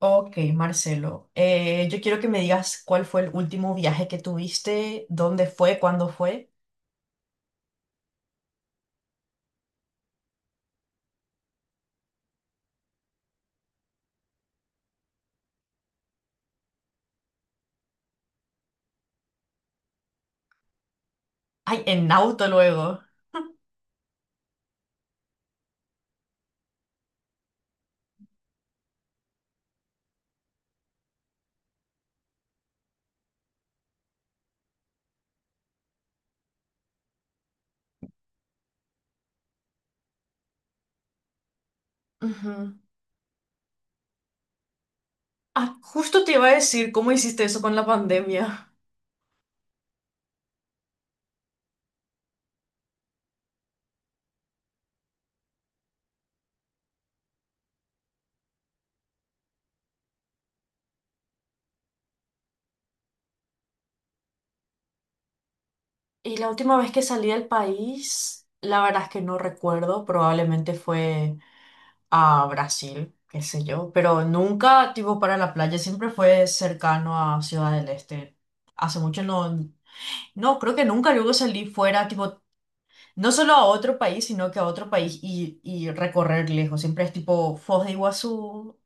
Ok, Marcelo, yo quiero que me digas cuál fue el último viaje que tuviste, dónde fue, cuándo fue. Ay, en auto luego. Ujú. Ah, justo te iba a decir cómo hiciste eso con la pandemia. Y la última vez que salí del país, la verdad es que no recuerdo, probablemente fue a Brasil, qué sé yo, pero nunca tipo para la playa, siempre fue cercano a Ciudad del Este. Hace mucho no, no, creo que nunca luego salí fuera, tipo no solo a otro país, sino que a otro país y recorrer lejos. Siempre es tipo Foz de Iguazú,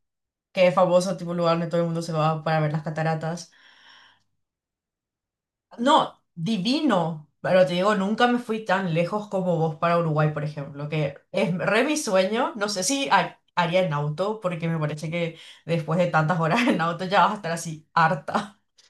que es famoso, tipo lugar donde todo el mundo se va para ver las cataratas. No, divino. Pero te digo, nunca me fui tan lejos como vos para Uruguay, por ejemplo, que es re mi sueño. No sé si haría en auto, porque me parece que después de tantas horas en auto ya vas a estar así harta.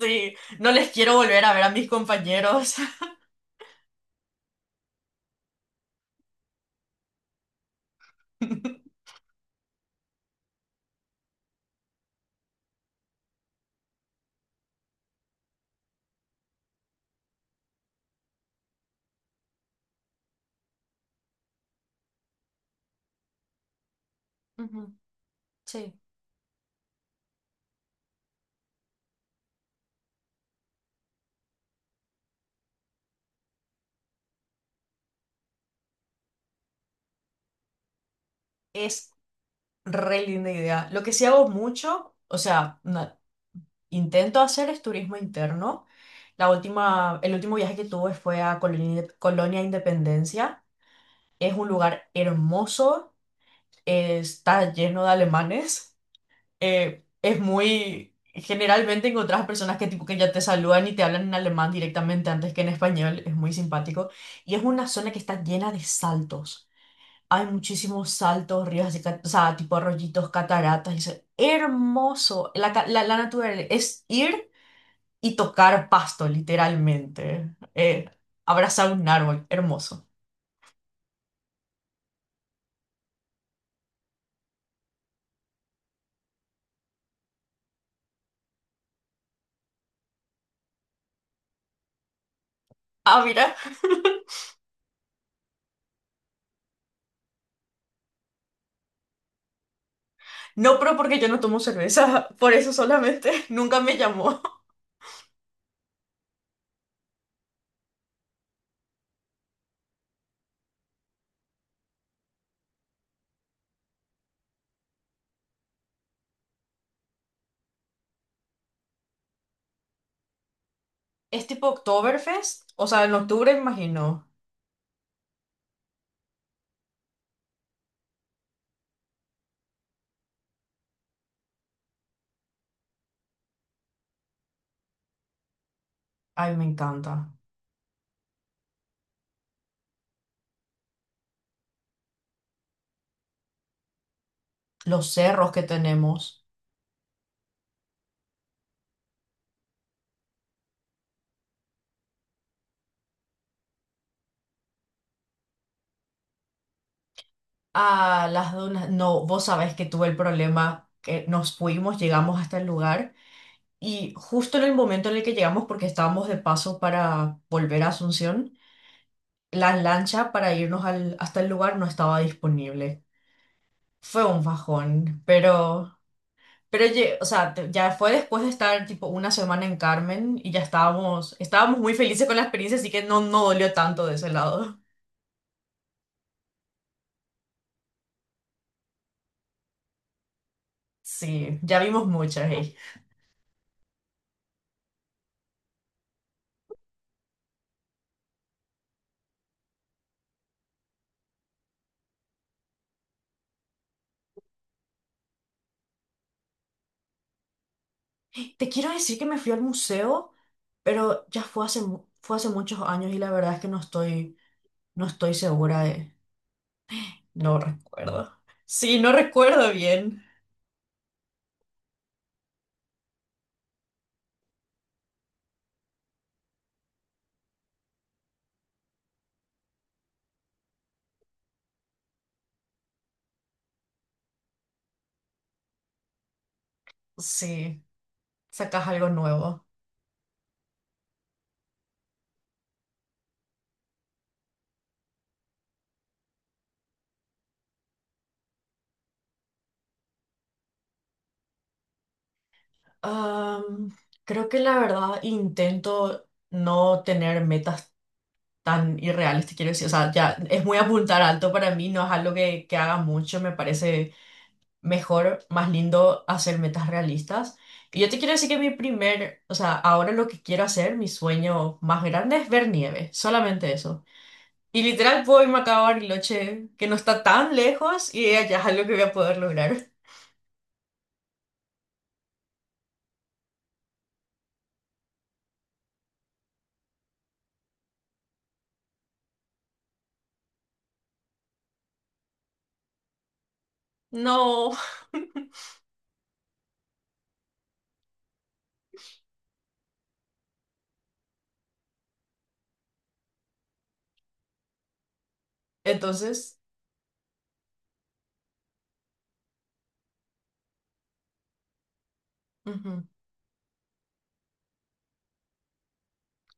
Sí, no les quiero volver a ver a mis compañeros. Ujú. Sí. Es re linda idea. Lo que sí hago mucho, o sea, intento hacer es turismo interno. El último viaje que tuve fue a Colonia, Colonia Independencia. Es un lugar hermoso, está lleno de alemanes. Generalmente encontrás personas que, tipo, que ya te saludan y te hablan en alemán directamente antes que en español. Es muy simpático. Y es una zona que está llena de saltos. Hay muchísimos saltos, ríos, así o sea, tipo rollitos, cataratas, y eso es hermoso. La naturaleza es ir y tocar pasto, literalmente. Abrazar un árbol, hermoso. Ah, mira, no, pero porque yo no tomo cerveza, por eso solamente, nunca me llamó. Es tipo Oktoberfest, o sea, en octubre, imagino. Ay, me encanta. Los cerros que tenemos. Ah, las dunas. No, vos sabés que tuve el problema que nos fuimos, llegamos hasta el lugar. Y justo en el momento en el que llegamos, porque estábamos de paso para volver a Asunción, la lancha para irnos hasta el lugar no estaba disponible. Fue un bajón, pero, o sea, ya fue después de estar tipo una semana en Carmen y ya estábamos muy felices con la experiencia, así que no dolió tanto de ese lado. Sí, ya vimos muchas ahí. Te quiero decir que me fui al museo, pero ya fue hace, fue hace muchos años y la verdad es que no estoy segura de... No recuerdo. Sí, no recuerdo bien. Sí, sacas algo nuevo. Am, creo que la verdad intento no tener metas tan irreales, te quiero decir. O sea, ya es muy apuntar alto para mí, no es algo que haga mucho. Me parece mejor, más lindo hacer metas realistas. Y yo te quiero decir que o sea, ahora lo que quiero hacer, mi sueño más grande es ver nieve, solamente eso. Y literal puedo irme acá a Bariloche, que no está tan lejos, y allá es algo que voy a poder lograr. No. Entonces, ujú.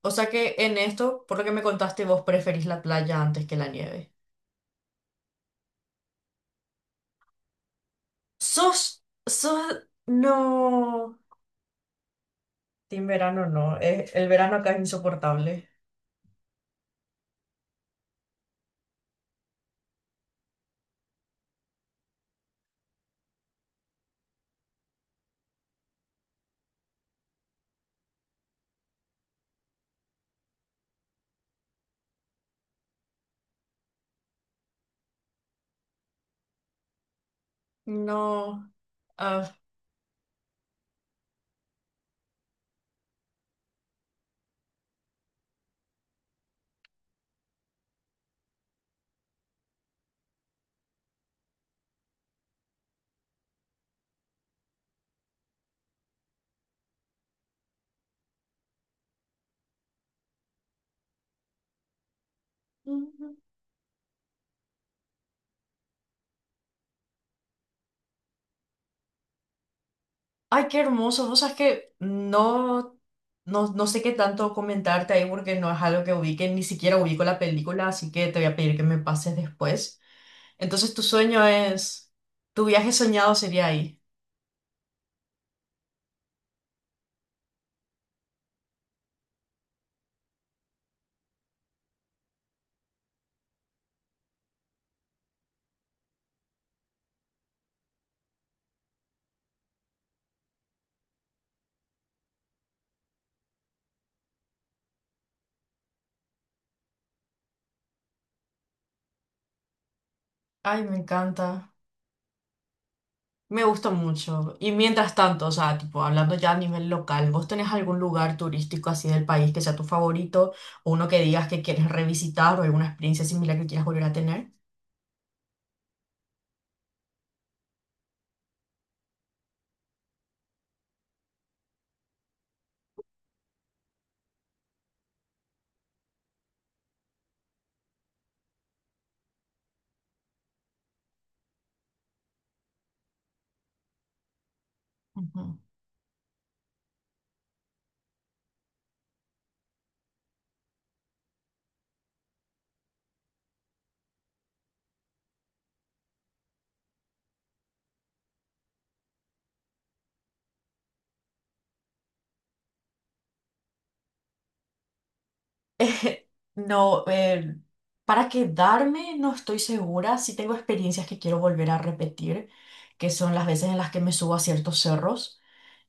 O sea que en esto, por lo que me contaste, vos preferís la playa antes que la nieve. Sos, no. Team verano no, el verano acá es insoportable. No. Ah. Ay, qué hermoso. Vos sabés que no sé qué tanto comentarte ahí porque no es algo que ubique, ni siquiera ubico la película, así que te voy a pedir que me pases después. Entonces, tu viaje soñado sería ahí. Ay, me encanta. Me gusta mucho. Y mientras tanto, o sea, tipo, hablando ya a nivel local, ¿vos tenés algún lugar turístico así del país que sea tu favorito? ¿O uno que digas que quieres revisitar o alguna experiencia similar que quieras volver a tener? Ujú. Eh, No, para quedarme no estoy segura. Sí tengo experiencias que quiero volver a repetir, que son las veces en las que me subo a ciertos cerros.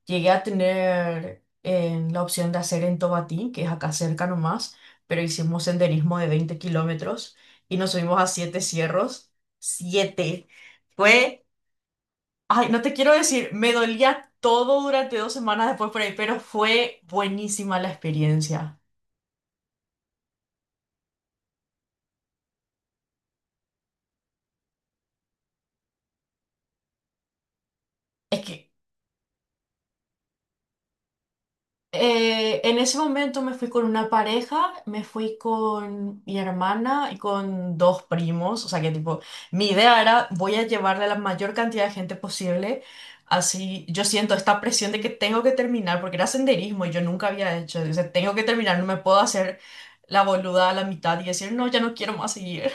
Llegué a tener la opción de hacer en Tobatí, que es acá cerca nomás, pero hicimos senderismo de 20 kilómetros y nos subimos a siete cierros. ¡Siete! Fue, ay, no te quiero decir, me dolía todo durante 2 semanas después por ahí, pero fue buenísima la experiencia. Es que en ese momento me fui con una pareja, me fui con mi hermana y con dos primos, o sea que tipo, mi idea era voy a llevarle a la mayor cantidad de gente posible, así yo siento esta presión de que tengo que terminar, porque era senderismo y yo nunca había hecho, o sea, tengo que terminar, no me puedo hacer la boluda a la mitad y decir, no, ya no quiero más seguir.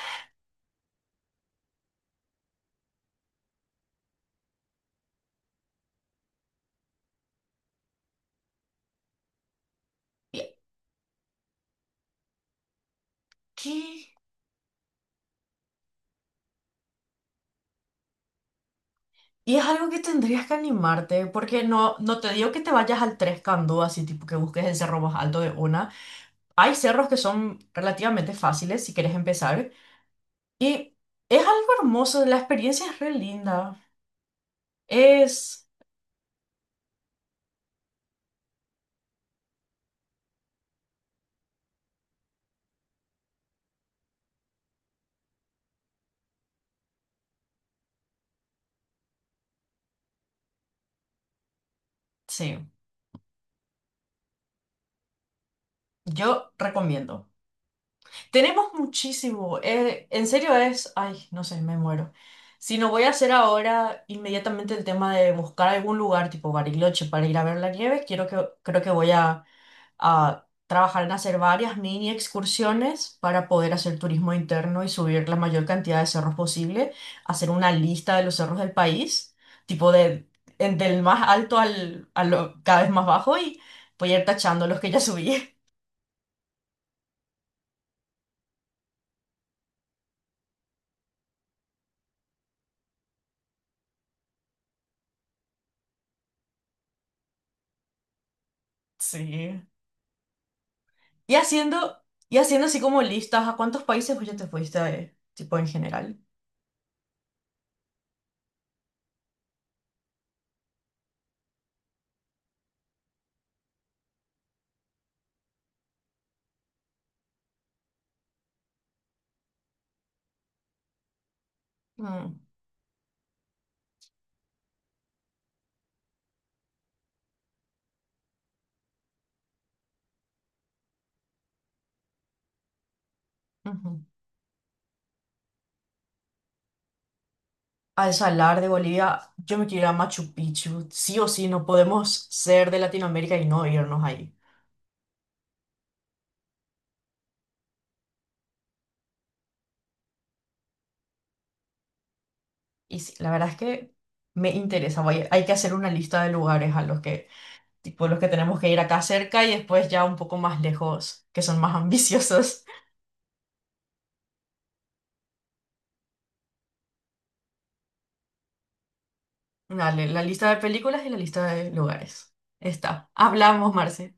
Y, ¿qué? Y es algo que tendrías que animarte, porque no te digo que te vayas al Tres Candú, así tipo que busques el cerro más alto de una. Hay cerros que son relativamente fáciles si quieres empezar. Y es algo hermoso, la experiencia es re linda. Es, sí, yo recomiendo. Tenemos muchísimo, en serio es, ay, no sé, me muero. Si no voy a hacer ahora inmediatamente el tema de buscar algún lugar tipo Bariloche para ir a ver la nieve, creo que voy a trabajar en hacer varias mini excursiones para poder hacer turismo interno y subir la mayor cantidad de cerros posible, hacer una lista de los cerros del país, tipo de, del más alto al, a lo cada vez más bajo y voy a ir tachando los que ya subí. Sí. Y haciendo, y haciendo así como listas, ¿a cuántos países vos ya te fuiste, tipo en general? Mm, ujú. Al salar de Bolivia, yo me quiero ir a Machu Picchu. Sí o sí, no podemos ser de Latinoamérica y no irnos ahí. Y sí, la verdad es que me interesa. Hay que hacer una lista de lugares a los que, tipo, los que tenemos que ir acá cerca y después ya un poco más lejos, que son más ambiciosos. Dale, la lista de películas y la lista de lugares. Está. Hablamos, Marce.